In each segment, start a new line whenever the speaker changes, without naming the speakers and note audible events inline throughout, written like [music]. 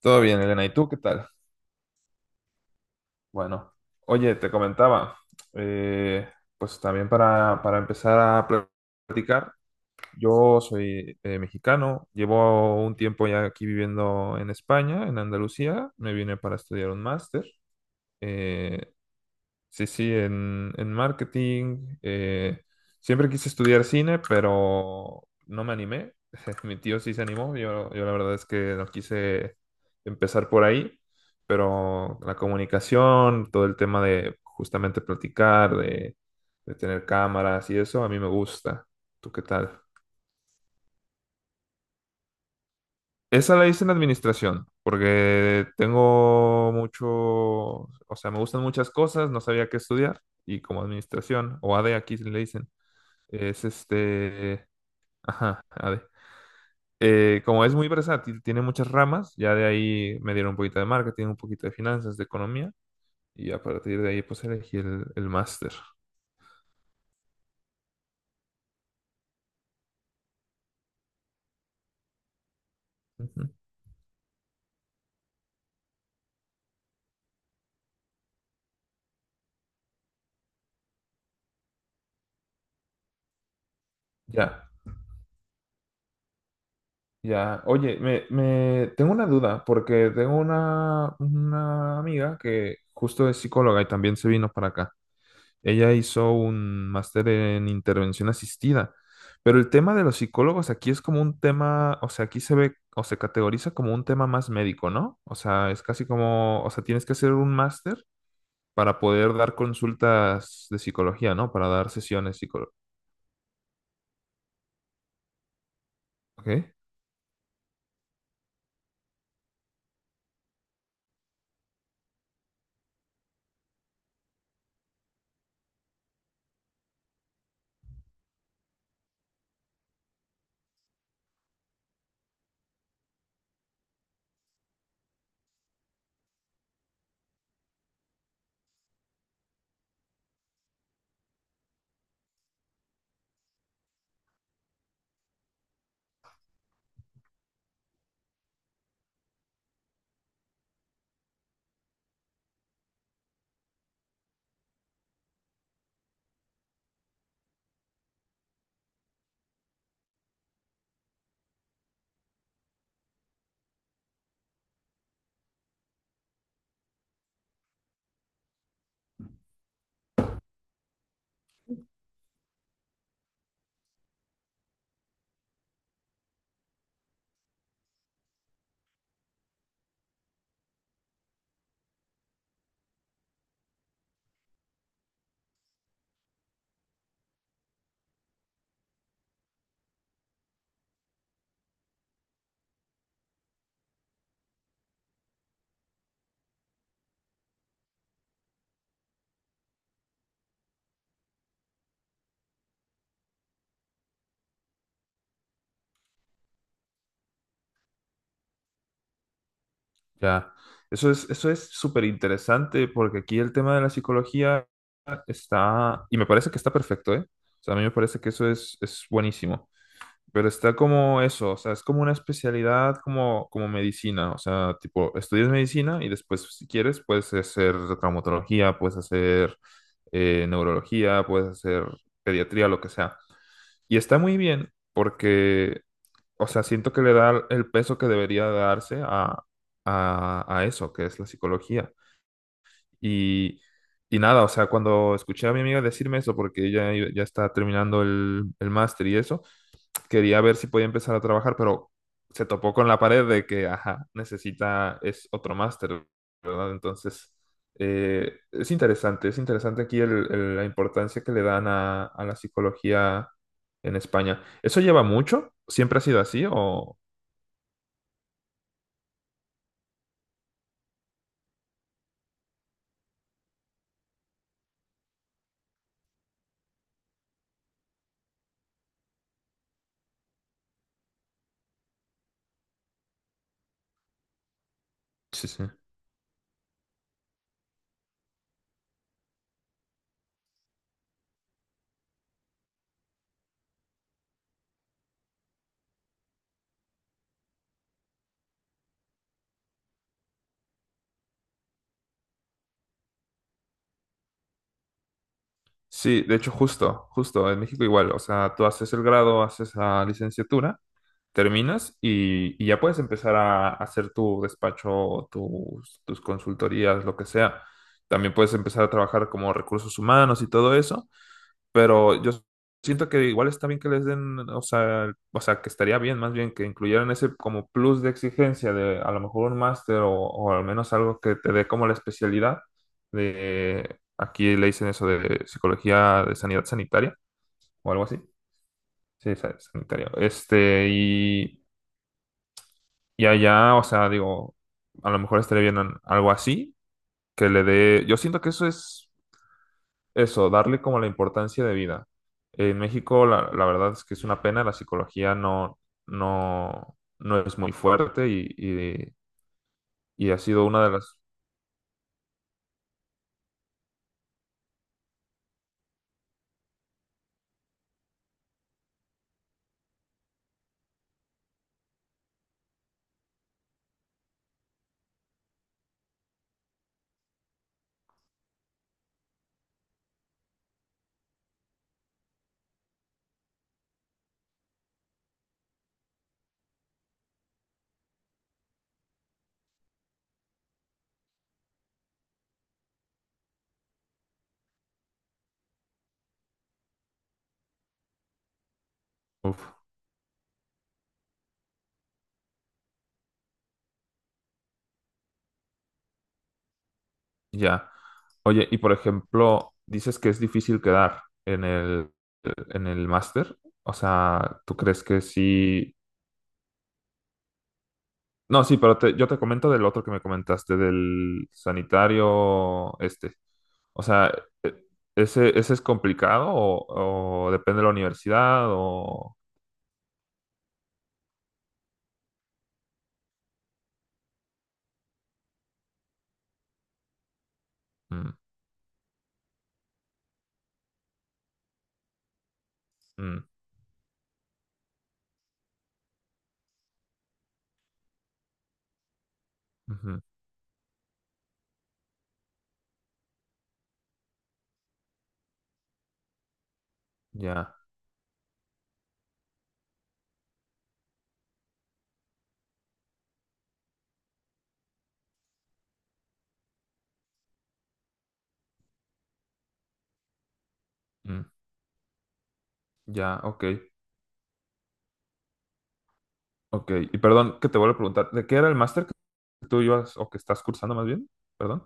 Todo bien, Elena. ¿Y tú qué tal? Bueno, oye, te comentaba, eh, pues también para empezar a platicar, yo soy mexicano, llevo un tiempo ya aquí viviendo en España, en Andalucía, me vine para estudiar un máster, eh, sí, sí, en marketing. Siempre quise estudiar cine, pero no me animé. [laughs] Mi tío sí se animó. Yo la verdad es que no quise empezar por ahí, pero la comunicación, todo el tema de justamente platicar, de tener cámaras y eso, a mí me gusta. ¿Tú qué tal? Esa la hice en administración, porque tengo mucho, o sea, me gustan muchas cosas, no sabía qué estudiar, y como administración, o A AD aquí le dicen. Es este. Ajá, a ver. Como es muy versátil, tiene muchas ramas. Ya de ahí me dieron un poquito de marketing, un poquito de finanzas, de economía. Y a partir de ahí, pues elegí el máster. Ujú. Ya, ya. Oye, tengo una duda, porque tengo una amiga que justo es psicóloga y también se vino para acá. Ella hizo un máster en intervención asistida, pero el tema de los psicólogos aquí es como un tema, o sea, aquí se ve o se categoriza como un tema más médico, ¿no? O sea, es casi como, o sea, tienes que hacer un máster para poder dar consultas de psicología, ¿no? Para dar sesiones psicológicas. ¿Ok? Ya. Eso es súper interesante porque aquí el tema de la psicología está, y me parece que está perfecto, ¿eh? O sea, a mí me parece que eso es buenísimo. Pero está como eso, o sea, es como una especialidad como, como medicina, o sea, tipo, estudias medicina y después, si quieres, puedes hacer traumatología, puedes hacer neurología, puedes hacer pediatría, lo que sea. Y está muy bien porque, o sea, siento que le da el peso que debería darse a eso, que es la psicología. Y, y nada, o sea, cuando escuché a mi amiga decirme eso, porque ya está terminando el máster y eso, quería ver si podía empezar a trabajar, pero se topó con la pared de que, ajá, necesita, es otro máster, ¿verdad? Entonces, es interesante aquí la importancia que le dan a la psicología en España. ¿Eso lleva mucho? ¿Siempre ha sido así o...? Sí, sí. Sí, de hecho, justo, justo, en México igual, o sea, tú haces el grado, haces la licenciatura terminas y ya puedes empezar a, hacer tu despacho, tus, tus consultorías, lo que sea. También puedes empezar a trabajar como recursos humanos y todo eso, pero yo siento que igual está bien que les den, o sea, que estaría bien más bien que incluyeran ese como plus de exigencia de a lo mejor un máster o al menos algo que te dé como la especialidad de, aquí le dicen eso de psicología de sanidad sanitaria o algo así. Sí, sanitaria. Este, y allá, o sea, digo, a lo mejor estaría bien algo así, que le dé, yo siento que eso es eso, darle como la importancia de vida. En México, la verdad es que es una pena, la psicología no, no, no es muy fuerte y ha sido una de las... Uf, ya. Oye, y por ejemplo, dices que es difícil quedar en el máster, o sea, ¿tú crees que sí? No, sí, pero yo te comento del otro que me comentaste, del sanitario este. O sea, e- ¿ese, ese es complicado o depende de la universidad o...? Mm, mm, ujú, ya, mm, ya, ok, ok. Y perdón que te vuelvo a preguntar, ¿de qué era el máster que tú ibas o que estás cursando más bien? Perdón.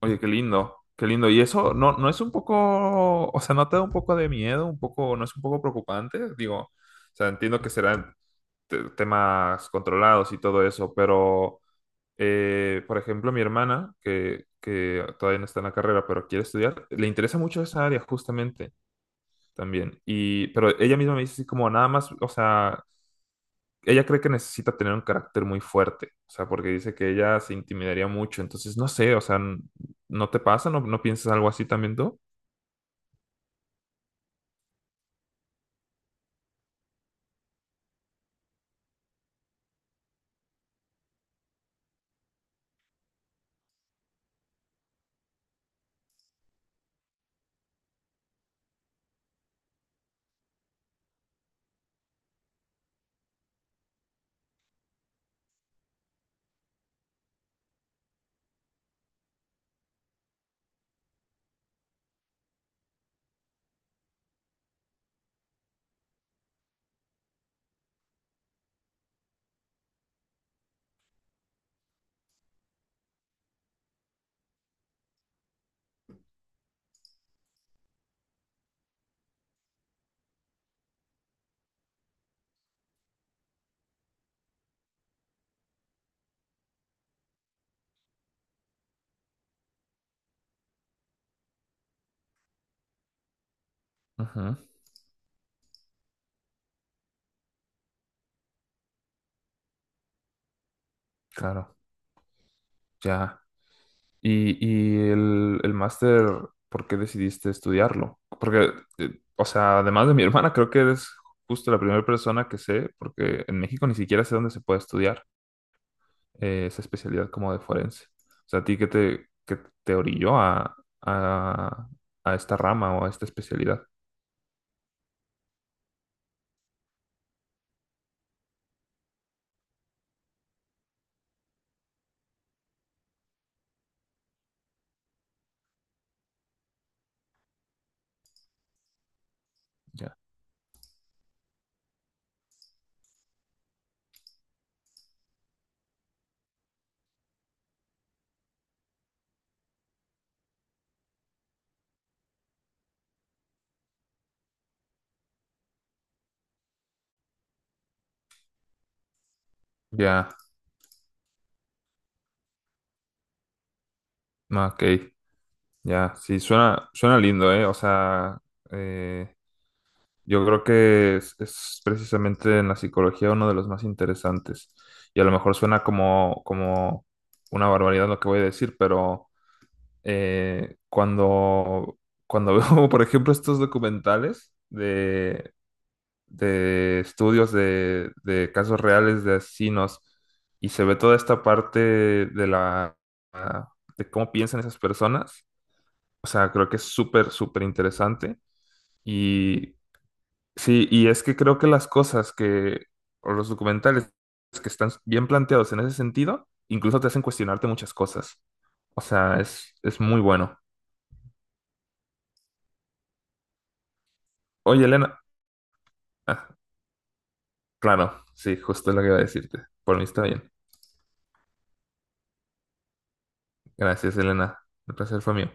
Oye, qué lindo, qué lindo. ¿Y eso no, no es un poco, o sea, no te da un poco de miedo, un poco, no es un poco preocupante? Digo, o sea, entiendo que será temas controlados y todo eso, pero por ejemplo, mi hermana, que todavía no está en la carrera, pero quiere estudiar, le interesa mucho esa área justamente también. Y, pero ella misma me dice así como nada más, o sea, ella cree que necesita tener un carácter muy fuerte, o sea, porque dice que ella se intimidaría mucho, entonces no sé, o sea, ¿no te pasa? ¿No, no piensas algo así también tú? Ujú, claro, ya. Y el máster, ¿por qué decidiste estudiarlo? Porque, o sea, además de mi [laughs] hermana, creo que eres justo la primera persona que sé, porque en México ni siquiera sé dónde se puede estudiar esa especialidad como de forense. O sea, ¿a ti qué te orilló a, a esta rama o a esta especialidad? Ya, ya, no, ok, ya, sí, suena, suena lindo, ¿eh? O sea, eh, yo creo que es precisamente en la psicología uno de los más interesantes. Y a lo mejor suena como, como una barbaridad lo que voy a decir, pero cuando, cuando [laughs] veo, por ejemplo, estos documentales de estudios de casos reales de asesinos y se ve toda esta parte de la, de cómo piensan esas personas, o sea, creo que es súper, súper interesante. Y sí, y es que creo que las cosas que, o los documentales que están bien planteados en ese sentido, incluso te hacen cuestionarte muchas cosas. O sea, es muy bueno. Oye, Elena. Ah, claro, sí, justo lo que iba a decirte. Por mí está bien. Gracias, Elena. El placer fue mío.